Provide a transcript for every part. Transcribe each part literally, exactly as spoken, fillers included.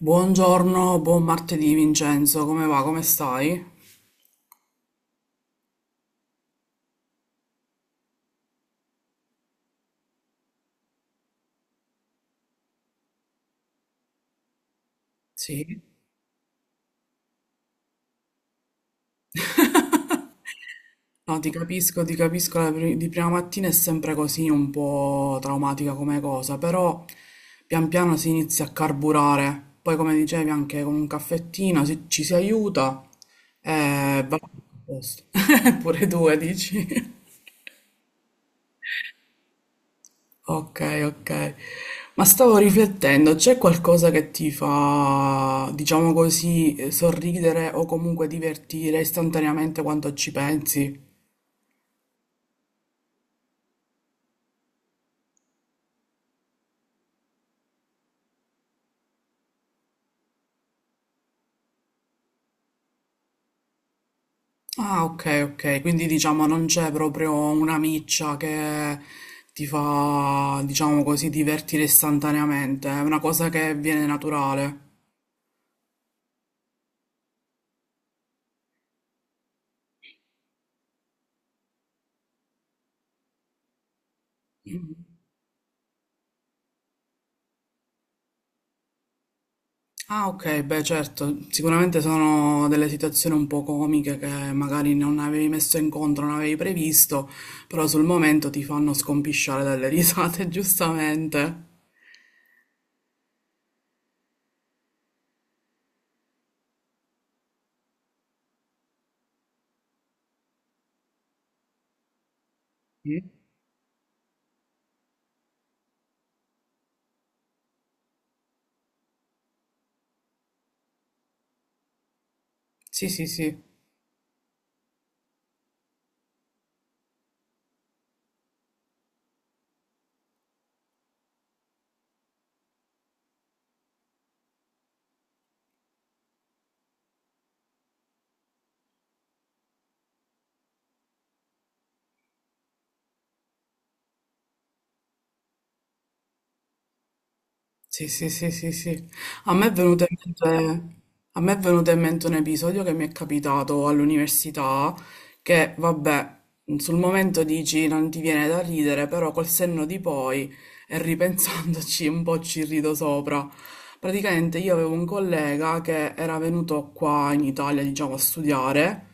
Buongiorno, buon martedì Vincenzo, come va? Come stai? Sì. No, ti capisco, ti capisco, la pri- di prima mattina è sempre così un po' traumatica come cosa, però pian piano si inizia a carburare, poi come dicevi anche con un caffettino si- ci si aiuta e va a posto. Pure due, dici? Okay, okay. Ma stavo riflettendo, c'è qualcosa che ti fa, diciamo così, eh, sorridere o comunque divertire istantaneamente quando ci pensi? Ah, ok, ok. Quindi diciamo non c'è proprio una miccia che ti fa, diciamo così, divertire istantaneamente, è una cosa che viene naturale. Ah, ok, beh, certo, sicuramente sono delle situazioni un po' comiche che magari non avevi messo in conto, non avevi previsto, però sul momento ti fanno scompisciare dalle risate, giustamente. Mm. Sì, sì, sì. Sì, sì, sì, sì, sì. A me è venuto in mente, a me è venuto in mente un episodio che mi è capitato all'università, che vabbè, sul momento dici non ti viene da ridere, però col senno di poi e ripensandoci un po' ci rido sopra. Praticamente io avevo un collega che era venuto qua in Italia, diciamo, a studiare.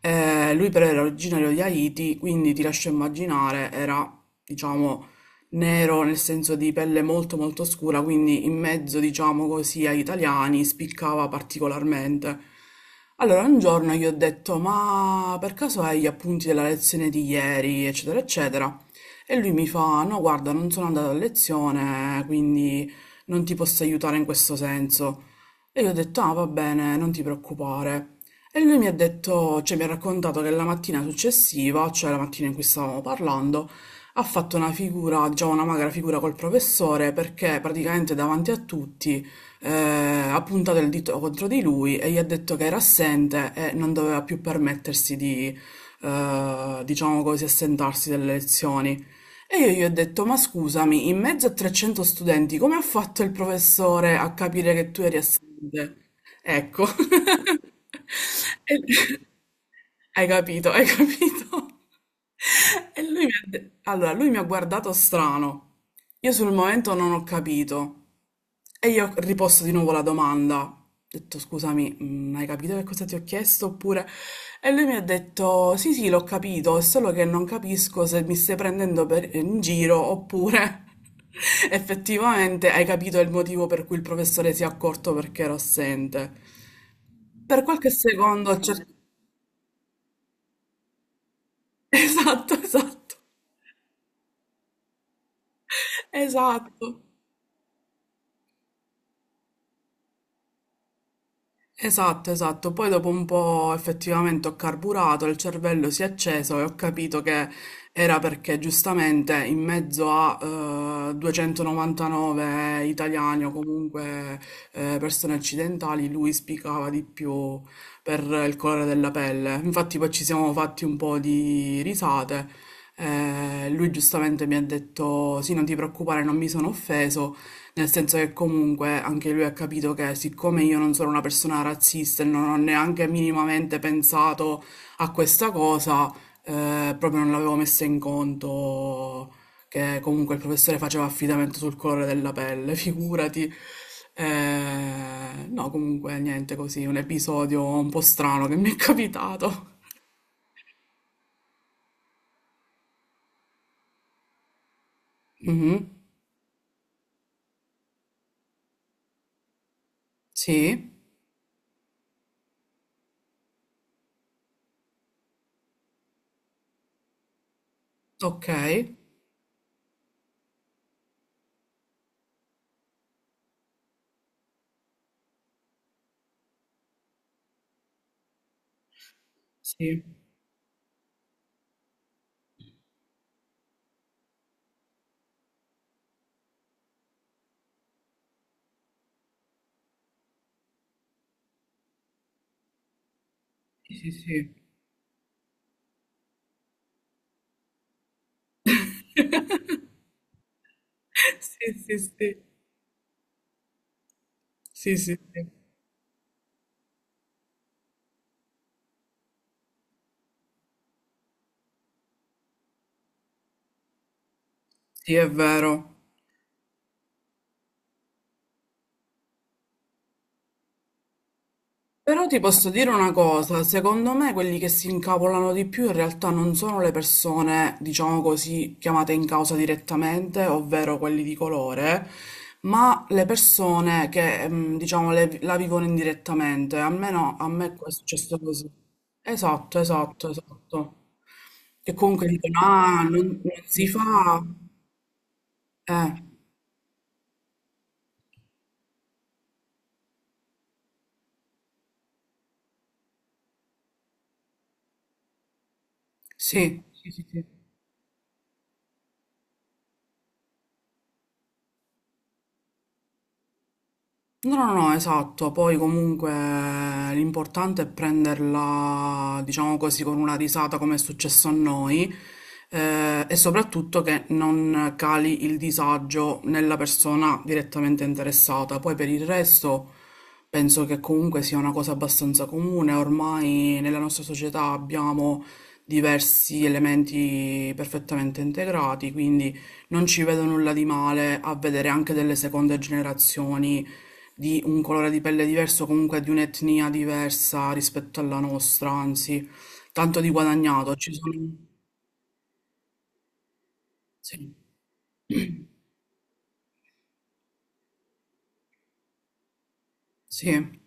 Eh, lui però era originario di Haiti, quindi ti lascio immaginare, era, diciamo, nero nel senso di pelle molto molto scura, quindi in mezzo, diciamo così, agli italiani spiccava particolarmente. Allora un giorno gli ho detto, ma per caso hai gli appunti della lezione di ieri, eccetera, eccetera. E lui mi fa, no, guarda, non sono andato a lezione, quindi non ti posso aiutare in questo senso. E io ho detto, ah, va bene, non ti preoccupare. E lui mi ha detto, cioè mi ha raccontato che la mattina successiva, cioè la mattina in cui stavamo parlando, ha fatto una figura, diciamo una magra figura col professore perché praticamente davanti a tutti eh, ha puntato il dito contro di lui e gli ha detto che era assente e non doveva più permettersi di, eh, diciamo così, assentarsi dalle lezioni. E io gli ho detto, ma scusami, in mezzo a trecento studenti, come ha fatto il professore a capire che tu eri assente? Ecco. E hai capito, hai capito. E lui mi ha de- allora, lui mi ha guardato strano. Io sul momento non ho capito. E io riposto di nuovo la domanda. Ho detto, scusami, mm, hai capito che cosa ti ho chiesto? Oppure. E lui mi ha detto, sì, sì, l'ho capito, è solo che non capisco se mi stai prendendo per- in giro oppure effettivamente hai capito il motivo per cui il professore si è accorto perché ero assente. Per qualche secondo ho cer- Esatto, esatto, esatto. Esatto, esatto. Poi dopo un po' effettivamente ho carburato, il cervello si è acceso e ho capito che era perché giustamente in mezzo a eh, duecentonovantanove italiani o comunque eh, persone occidentali lui spiccava di più per il colore della pelle. Infatti poi ci siamo fatti un po' di risate. Eh, lui giustamente mi ha detto: Sì, non ti preoccupare, non mi sono offeso. Nel senso che comunque anche lui ha capito che siccome io non sono una persona razzista e non ho neanche minimamente pensato a questa cosa, eh, proprio non l'avevo messa in conto che comunque il professore faceva affidamento sul colore della pelle, figurati. Eh, no, comunque niente così, un episodio un po' strano che mi è capitato. Mhm, sì, ok. Sì, sì, sì. Sì, sì, sì. Sì, sì, sì. Sì, è vero. Però ti posso dire una cosa, secondo me quelli che si incavolano di più in realtà non sono le persone, diciamo così, chiamate in causa direttamente, ovvero quelli di colore, ma le persone che, ehm, diciamo, le- la vivono indirettamente. Almeno a me è successo così. Esatto, esatto, esatto. Che comunque dicono, ah, non, non si fa. Eh, sì, sì, sì. Sì. No, no, no, esatto, poi comunque eh, l'importante è prenderla, diciamo così, con una risata come è successo a noi eh, e soprattutto che non cali il disagio nella persona direttamente interessata. Poi per il resto penso che comunque sia una cosa abbastanza comune, ormai nella nostra società abbiamo diversi elementi perfettamente integrati, quindi non ci vedo nulla di male a vedere anche delle seconde generazioni di un colore di pelle diverso, comunque di un'etnia diversa rispetto alla nostra, anzi, tanto di guadagnato. Ci sono. Sì, sì,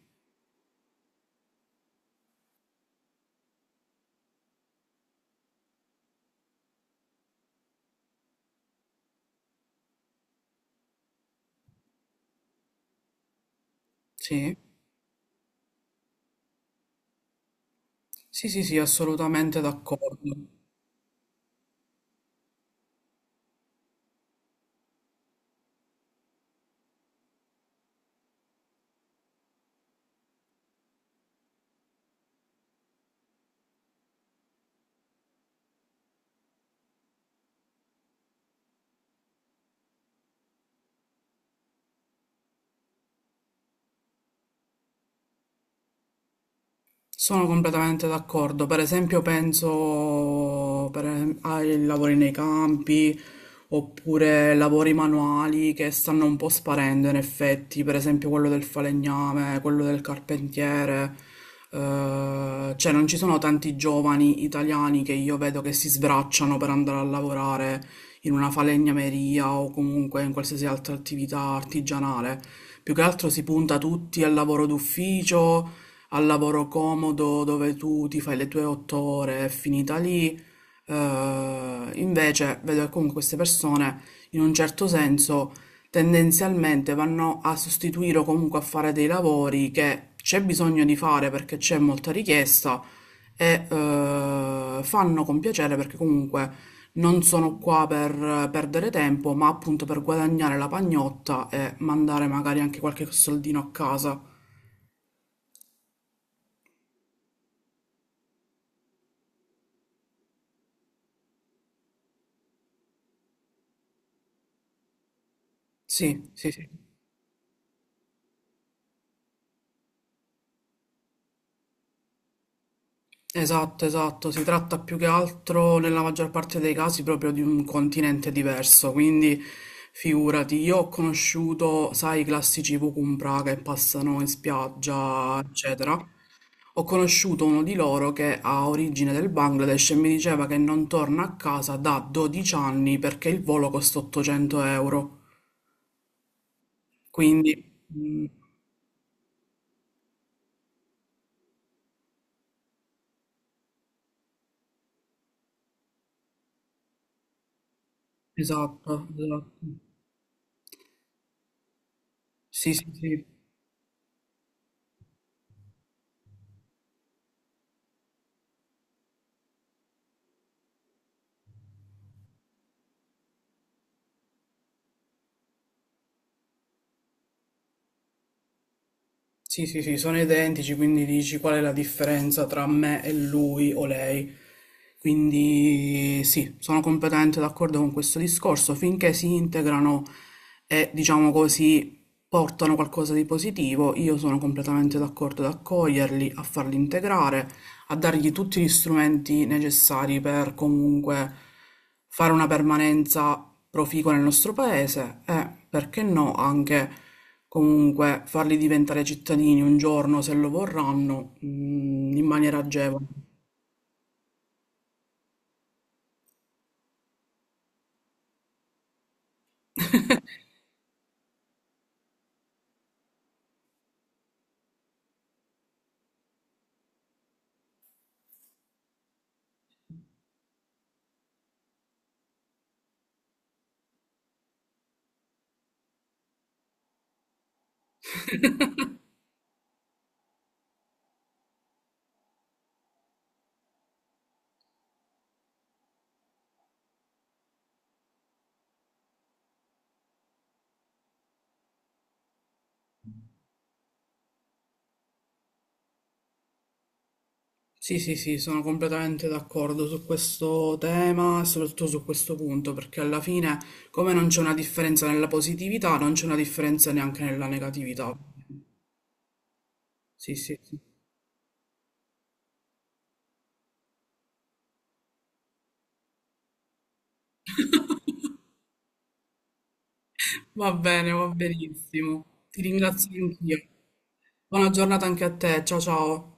sì, sì, sì, sì, assolutamente d'accordo. Sono completamente d'accordo. Per esempio, penso per em- ai lavori nei campi oppure lavori manuali che stanno un po' sparendo in effetti, per esempio quello del falegname, quello del carpentiere. Eh, cioè, non ci sono tanti giovani italiani che io vedo che si sbracciano per andare a lavorare in una falegnameria o comunque in qualsiasi altra attività artigianale. Più che altro si punta tutti al lavoro d'ufficio, al lavoro comodo dove tu ti fai le tue otto ore, è finita lì. Eh, invece vedo che comunque queste persone, in un certo senso, tendenzialmente vanno a sostituire o comunque a fare dei lavori che c'è bisogno di fare perché c'è molta richiesta e eh, fanno con piacere perché comunque non sono qua per perdere tempo, ma appunto per guadagnare la pagnotta e mandare magari anche qualche soldino a casa. Sì, sì, sì. Esatto, esatto, si tratta più che altro nella maggior parte dei casi proprio di un continente diverso, quindi figurati, io ho conosciucuto, sai, i classici Vukumpra che passano in spiaggia, eccetera. Ho conosciuto uno di loro che ha origine del Bangladesh e mi diceva che non torna a casa da dodici anni perché il volo costa ottocento euro. Quindi, mm, esatto, esatto. Sì, sì, sì. Sì, sì, sì, sono identici, quindi dici qual è la differenza tra me e lui o lei. Quindi sì, sono completamente d'accordo con questo discorso, finché si integrano e diciamo così portano qualcosa di positivo, io sono completamente d'accordo ad accoglierli, a farli integrare, a dargli tutti gli strumenti necessari per comunque fare una permanenza proficua nel nostro paese e, perché no, anche comunque farli diventare cittadini un giorno, se lo vorranno, mh, in maniera agevole. Sì, sì, sì, sono completamente d'accordo su questo tema e soprattutto su questo punto, perché alla fine, come non c'è una differenza nella positività, non c'è una differenza neanche nella negatività. Sì, sì, sì. Va bene, va benissimo. Ti ringrazio anch'io. Buona giornata anche a te. Ciao, ciao.